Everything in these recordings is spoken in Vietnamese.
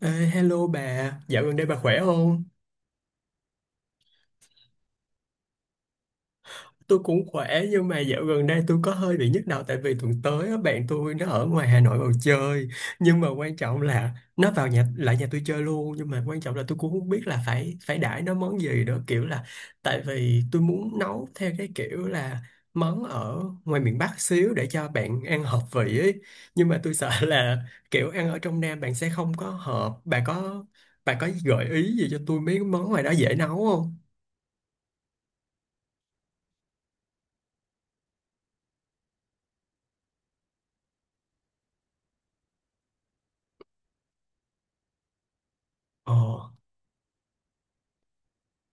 Ê, hello bà, dạo gần đây bà khỏe không? Tôi cũng khỏe nhưng mà dạo gần đây tôi có hơi bị nhức đầu tại vì tuần tới á, bạn tôi nó ở ngoài Hà Nội vào chơi. Nhưng mà quan trọng là nó vào nhà lại nhà tôi chơi luôn, nhưng mà quan trọng là tôi cũng không biết là phải phải đãi nó món gì nữa, kiểu là tại vì tôi muốn nấu theo cái kiểu là món ở ngoài miền Bắc xíu để cho bạn ăn hợp vị ấy, nhưng mà tôi sợ là kiểu ăn ở trong Nam bạn sẽ không có hợp. Bà có gợi ý gì cho tôi mấy món ngoài đó dễ nấu không? Ờ,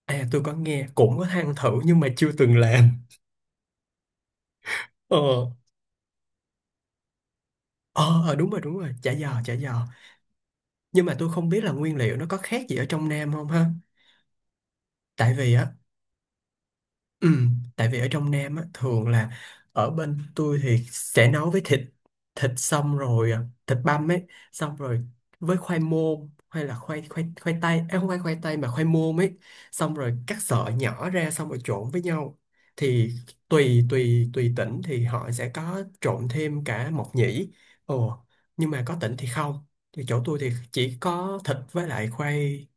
à tôi có nghe cũng có than thử nhưng mà chưa từng làm. Ờ, ờ ờ, đúng rồi, chả giò chả giò. Nhưng mà tôi không biết là nguyên liệu nó có khác gì ở trong Nam không ha? Tại vì á. Ừ, tại vì ở trong Nam á, thường là ở bên tôi thì sẽ nấu với thịt, thịt xong rồi à, thịt băm ấy, xong rồi với khoai môn hay là khoai khoai khoai tây à, không phải khoai tây mà khoai môn ấy, xong rồi cắt sợi nhỏ ra xong rồi trộn với nhau. Thì tùy tùy tùy tỉnh thì họ sẽ có trộn thêm cả mộc nhĩ. Ồ, nhưng mà có tỉnh thì không, thì chỗ tôi thì chỉ có thịt với lại khoai,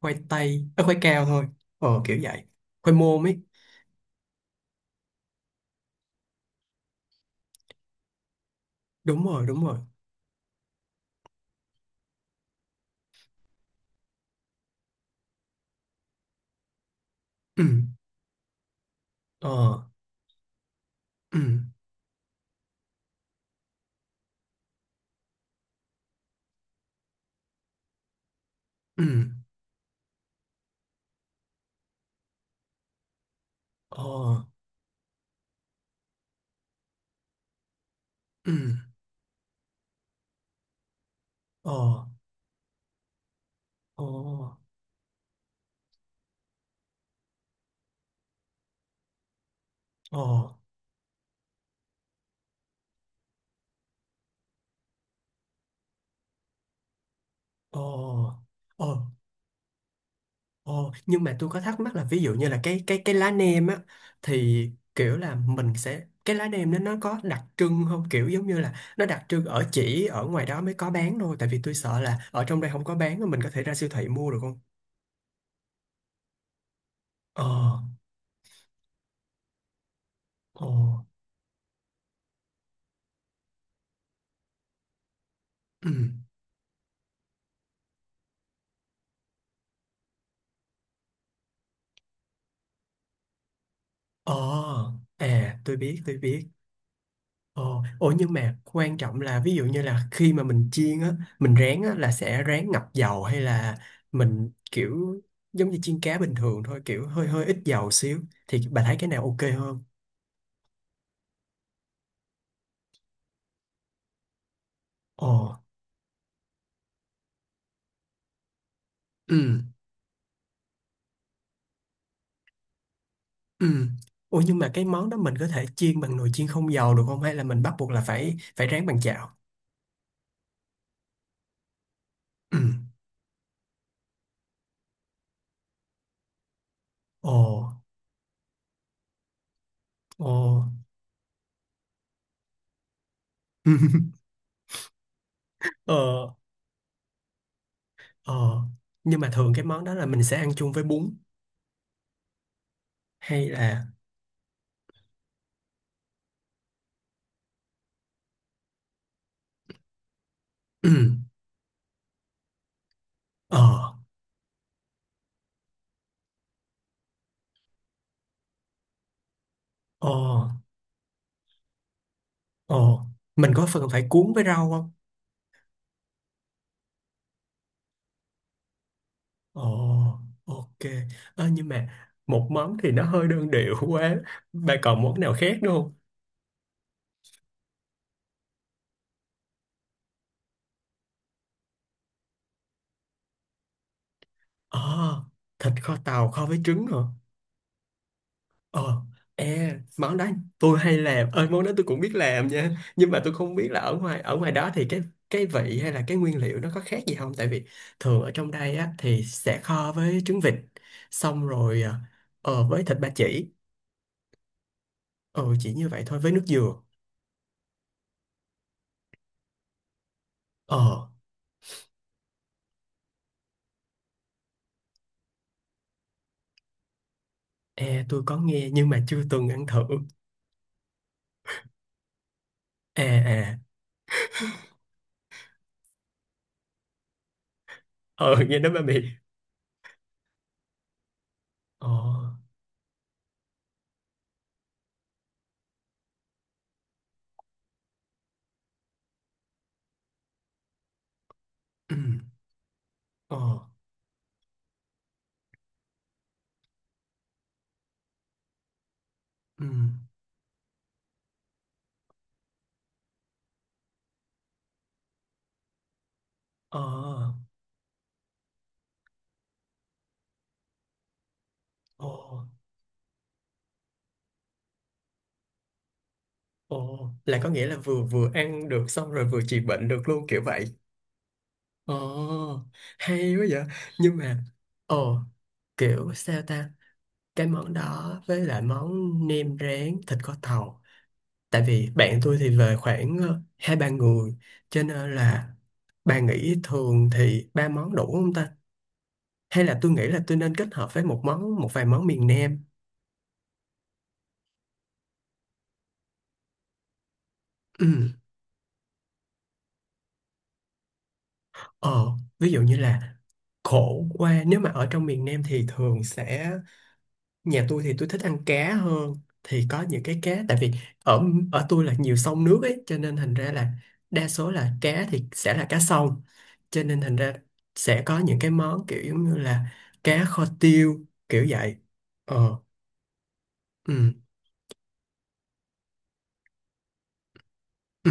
khoai tây à, khoai cao thôi. Ờ kiểu vậy, khoai môn ấy. Đúng rồi đúng rồi. Ừ. Ờ. Ừ. Ừ. Ờ. Ừ. Ờ. Ờ. Ờ. Ờ. Ờ. Ờ. Nhưng mà tôi có thắc mắc là ví dụ như là cái lá nem á, thì kiểu là mình sẽ cái lá nem đó nó có đặc trưng không, kiểu giống như là nó đặc trưng ở chỉ ở ngoài đó mới có bán thôi, tại vì tôi sợ là ở trong đây không có bán, mình có thể ra siêu thị mua được không? Ờ. Ờ. Ừ. Ờ. À tôi biết tôi biết. Ồ, ồ nhưng mà quan trọng là ví dụ như là khi mà mình chiên á, mình rán á là sẽ rán ngập dầu, hay là mình kiểu giống như chiên cá bình thường thôi, kiểu hơi hơi ít dầu xíu, thì bà thấy cái nào ok hơn? Ồ. Ừ. Ừ. Ồ, nhưng mà cái món đó mình có thể chiên bằng nồi chiên không dầu được không, hay là mình bắt buộc là phải phải rán bằng chảo? Ừ. Ồ. Ồ. Ờ. Ờ. Nhưng mà thường cái món đó là mình sẽ ăn chung với bún hay là ờ. Ờ. Ồ, mình có phần phải cuốn với rau không? Ồ, ok. Ơ, nhưng mà một món thì nó hơi đơn điệu quá. Bà còn món nào khác nữa không? Ờ, thịt kho tàu kho với trứng hả? Ờ, món đó tôi hay làm. Ơi, món đó tôi cũng biết làm nha. Nhưng mà tôi không biết là ở ngoài đó thì cái vị hay là cái nguyên liệu nó có khác gì không? Tại vì thường ở trong đây á thì sẽ kho với trứng vịt, xong rồi ờ, ờ, với thịt ba chỉ. Ờ, chỉ như vậy thôi với nước dừa. Ờ. À, tôi có nghe nhưng mà chưa từng ăn thử. À à, ờ nghe nói mà bị. Ờ. Ừ. Ờ. Ừ. Ờ. Ờ. Ờ. Là có nghĩa là vừa vừa ăn được xong rồi vừa trị bệnh được luôn kiểu vậy. Ờ, hay quá vậy. Nhưng mà, ờ, kiểu sao ta? Cái món đó với lại món nem rán, thịt kho tàu. Tại vì bạn tôi thì về khoảng hai ba người, cho nên là bà nghĩ thường thì ba món đủ không ta? Hay là tôi nghĩ là tôi nên kết hợp với một vài món miền Nam. Ừ. Ờ, ví dụ như là khổ qua, nếu mà ở trong miền Nam thì thường sẽ nhà tôi thì tôi thích ăn cá hơn, thì có những cái cá, tại vì ở ở tôi là nhiều sông nước ấy, cho nên thành ra là đa số là cá thì sẽ là cá sông, cho nên thành ra sẽ có những cái món kiểu giống như là cá kho tiêu kiểu vậy. Ờ. Ừ. Ừ.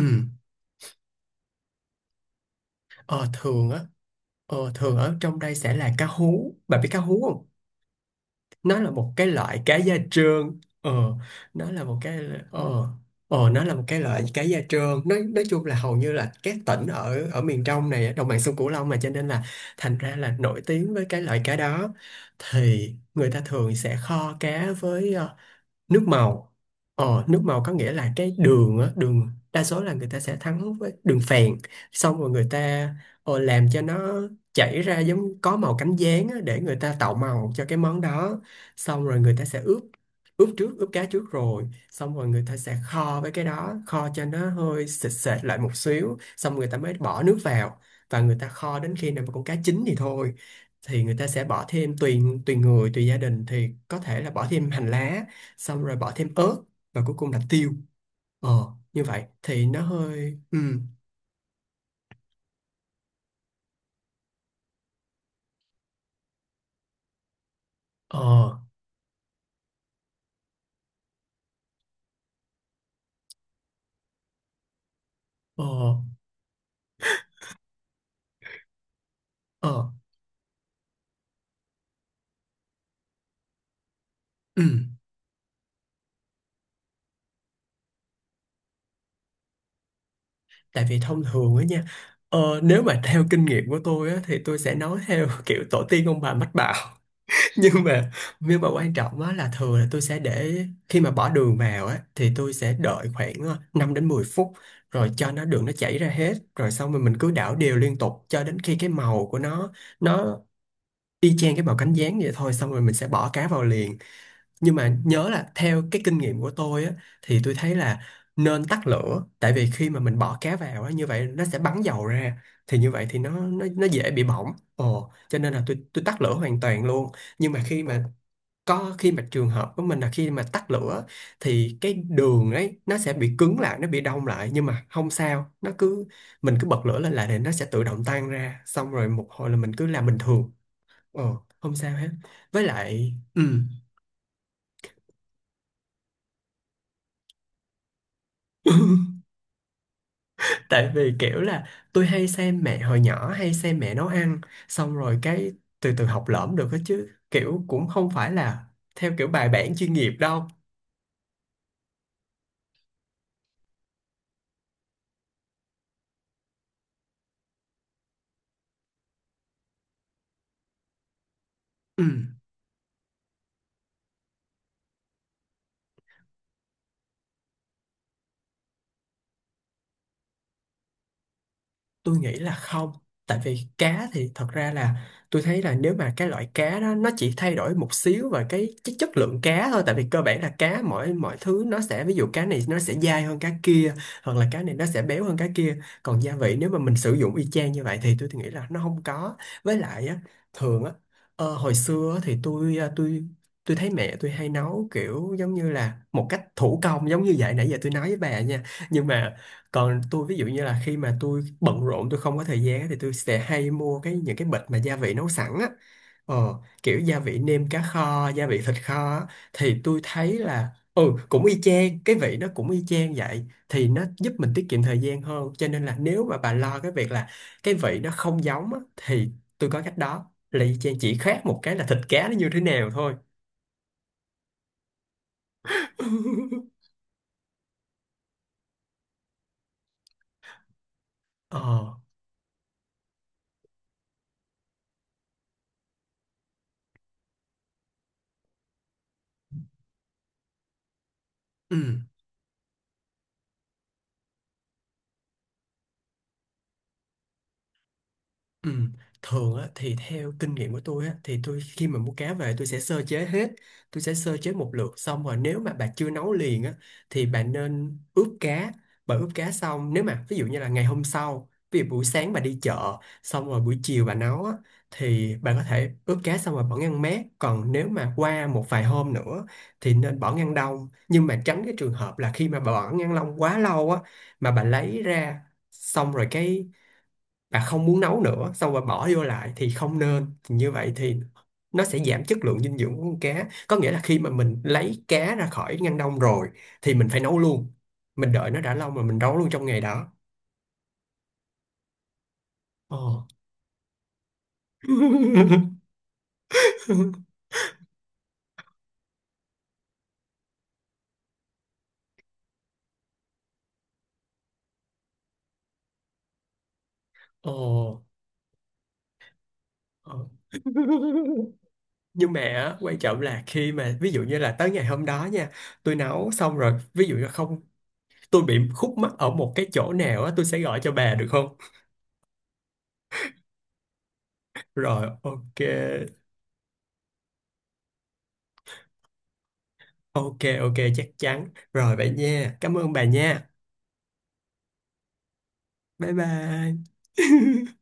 Ờ thường á, ờ thường ở trong đây sẽ là cá hú, bà biết cá hú không? Nó là một cái loại cá da trơn. Ờ, nó là một cái. Ờ. Ờ, nó là một cái loại cá da trơn, nói chung là hầu như là các tỉnh ở ở miền trong này, ở đồng bằng sông Cửu Long mà, cho nên là thành ra là nổi tiếng với cái loại cá đó. Thì người ta thường sẽ kho cá với ờ, nước màu. Ờ nước màu có nghĩa là cái đường á, đường đa số là người ta sẽ thắng với đường phèn, xong rồi người ta ờ, làm cho nó chảy ra giống có màu cánh gián á, để người ta tạo màu cho cái món đó, xong rồi người ta sẽ ướp, ướp trước ướp cá trước rồi, xong rồi người ta sẽ kho với cái đó kho cho nó hơi sệt sệt lại một xíu, xong người ta mới bỏ nước vào, và người ta kho đến khi nào mà con cá chín thì thôi. Thì người ta sẽ bỏ thêm tùy tùy người tùy gia đình thì có thể là bỏ thêm hành lá, xong rồi bỏ thêm ớt, và cuối cùng là tiêu. Ờ như vậy thì nó hơi ừ. Ờ. Ờ. Ờ. Ừ. Tại vì thông thường á nha, ờ nếu mà theo kinh nghiệm của tôi á thì tôi sẽ nói theo kiểu tổ tiên ông bà mách bảo. Nhưng mà, nhưng mà quan trọng á là thường là tôi sẽ để khi mà bỏ đường vào á thì tôi sẽ đợi khoảng ờ, 5 đến 10 phút, rồi cho nó đường nó chảy ra hết rồi xong rồi mình cứ đảo đều liên tục cho đến khi cái màu của nó y chang cái bào cánh gián vậy thôi, xong rồi mình sẽ bỏ cá vào liền. Nhưng mà nhớ là theo cái kinh nghiệm của tôi á, thì tôi thấy là nên tắt lửa, tại vì khi mà mình bỏ cá vào á như vậy nó sẽ bắn dầu ra, thì như vậy thì nó dễ bị bỏng, ồ cho nên là tôi tắt lửa hoàn toàn luôn. Nhưng mà khi mà, có khi mà trường hợp của mình là khi mà tắt lửa thì cái đường ấy nó sẽ bị cứng lại, nó bị đông lại nhưng mà không sao, nó cứ, mình cứ bật lửa lên là để nó sẽ tự động tan ra, xong rồi một hồi là mình cứ làm bình thường. Ờ, không sao hết. Với lại ừ. Tại vì kiểu là tôi hay xem mẹ, hồi nhỏ hay xem mẹ nấu ăn, xong rồi cái từ từ học lỏm được hết chứ kiểu cũng không phải là theo kiểu bài bản chuyên nghiệp đâu. Ừ. Tôi nghĩ là không, tại vì cá thì thật ra là tôi thấy là nếu mà cái loại cá đó nó chỉ thay đổi một xíu về cái chất lượng cá thôi, tại vì cơ bản là cá mỗi mọi thứ nó sẽ, ví dụ cá này nó sẽ dai hơn cá kia, hoặc là cá này nó sẽ béo hơn cá kia, còn gia vị nếu mà mình sử dụng y chang như vậy thì tôi nghĩ là nó không có. Với lại á, thường á, ờ, hồi xưa á thì tôi thấy mẹ tôi hay nấu kiểu giống như là một cách thủ công giống như vậy, nãy giờ tôi nói với bà nha. Nhưng mà, còn tôi ví dụ như là khi mà tôi bận rộn tôi không có thời gian á, thì tôi sẽ hay mua cái những cái bịch mà gia vị nấu sẵn á, ờ, kiểu gia vị nêm cá kho, gia vị thịt kho á, thì tôi thấy là ừ cũng y chang, cái vị nó cũng y chang vậy, thì nó giúp mình tiết kiệm thời gian hơn, cho nên là nếu mà bà lo cái việc là cái vị nó không giống á, thì tôi có cách đó là y chang chỉ khác một cái là thịt cá nó như thế nào thôi. Ờ. Ừ. Ừ. Thường á, thì theo kinh nghiệm của tôi á, thì tôi khi mà mua cá về tôi sẽ sơ chế hết, tôi sẽ sơ chế một lượt xong rồi nếu mà bà chưa nấu liền á, thì bà nên ướp cá, bà ướp cá xong nếu mà ví dụ như là ngày hôm sau, ví dụ buổi sáng bà đi chợ xong rồi buổi chiều bà nấu á, thì bà có thể ướp cá xong rồi bỏ ngăn mát. Còn nếu mà qua một vài hôm nữa thì nên bỏ ngăn đông, nhưng mà tránh cái trường hợp là khi mà bà bỏ ngăn đông quá lâu á, mà bà lấy ra xong rồi cái, và không muốn nấu nữa xong rồi bỏ vô lại thì không nên. Thì như vậy thì nó sẽ giảm chất lượng dinh dưỡng của con cá, có nghĩa là khi mà mình lấy cá ra khỏi ngăn đông rồi thì mình phải nấu luôn, mình đợi nó đã lâu mà mình nấu luôn trong ngày đó. Ồ. Ồ. Ồ. Nhưng mà á, quan trọng là khi mà ví dụ như là tới ngày hôm đó nha, tôi nấu xong rồi ví dụ như không, tôi bị khúc mắc ở một cái chỗ nào á, tôi sẽ gọi cho bà được không? Rồi, ok. Ok, ok, chắc chắn. Rồi vậy nha. Cảm ơn bà nha. Bye bye.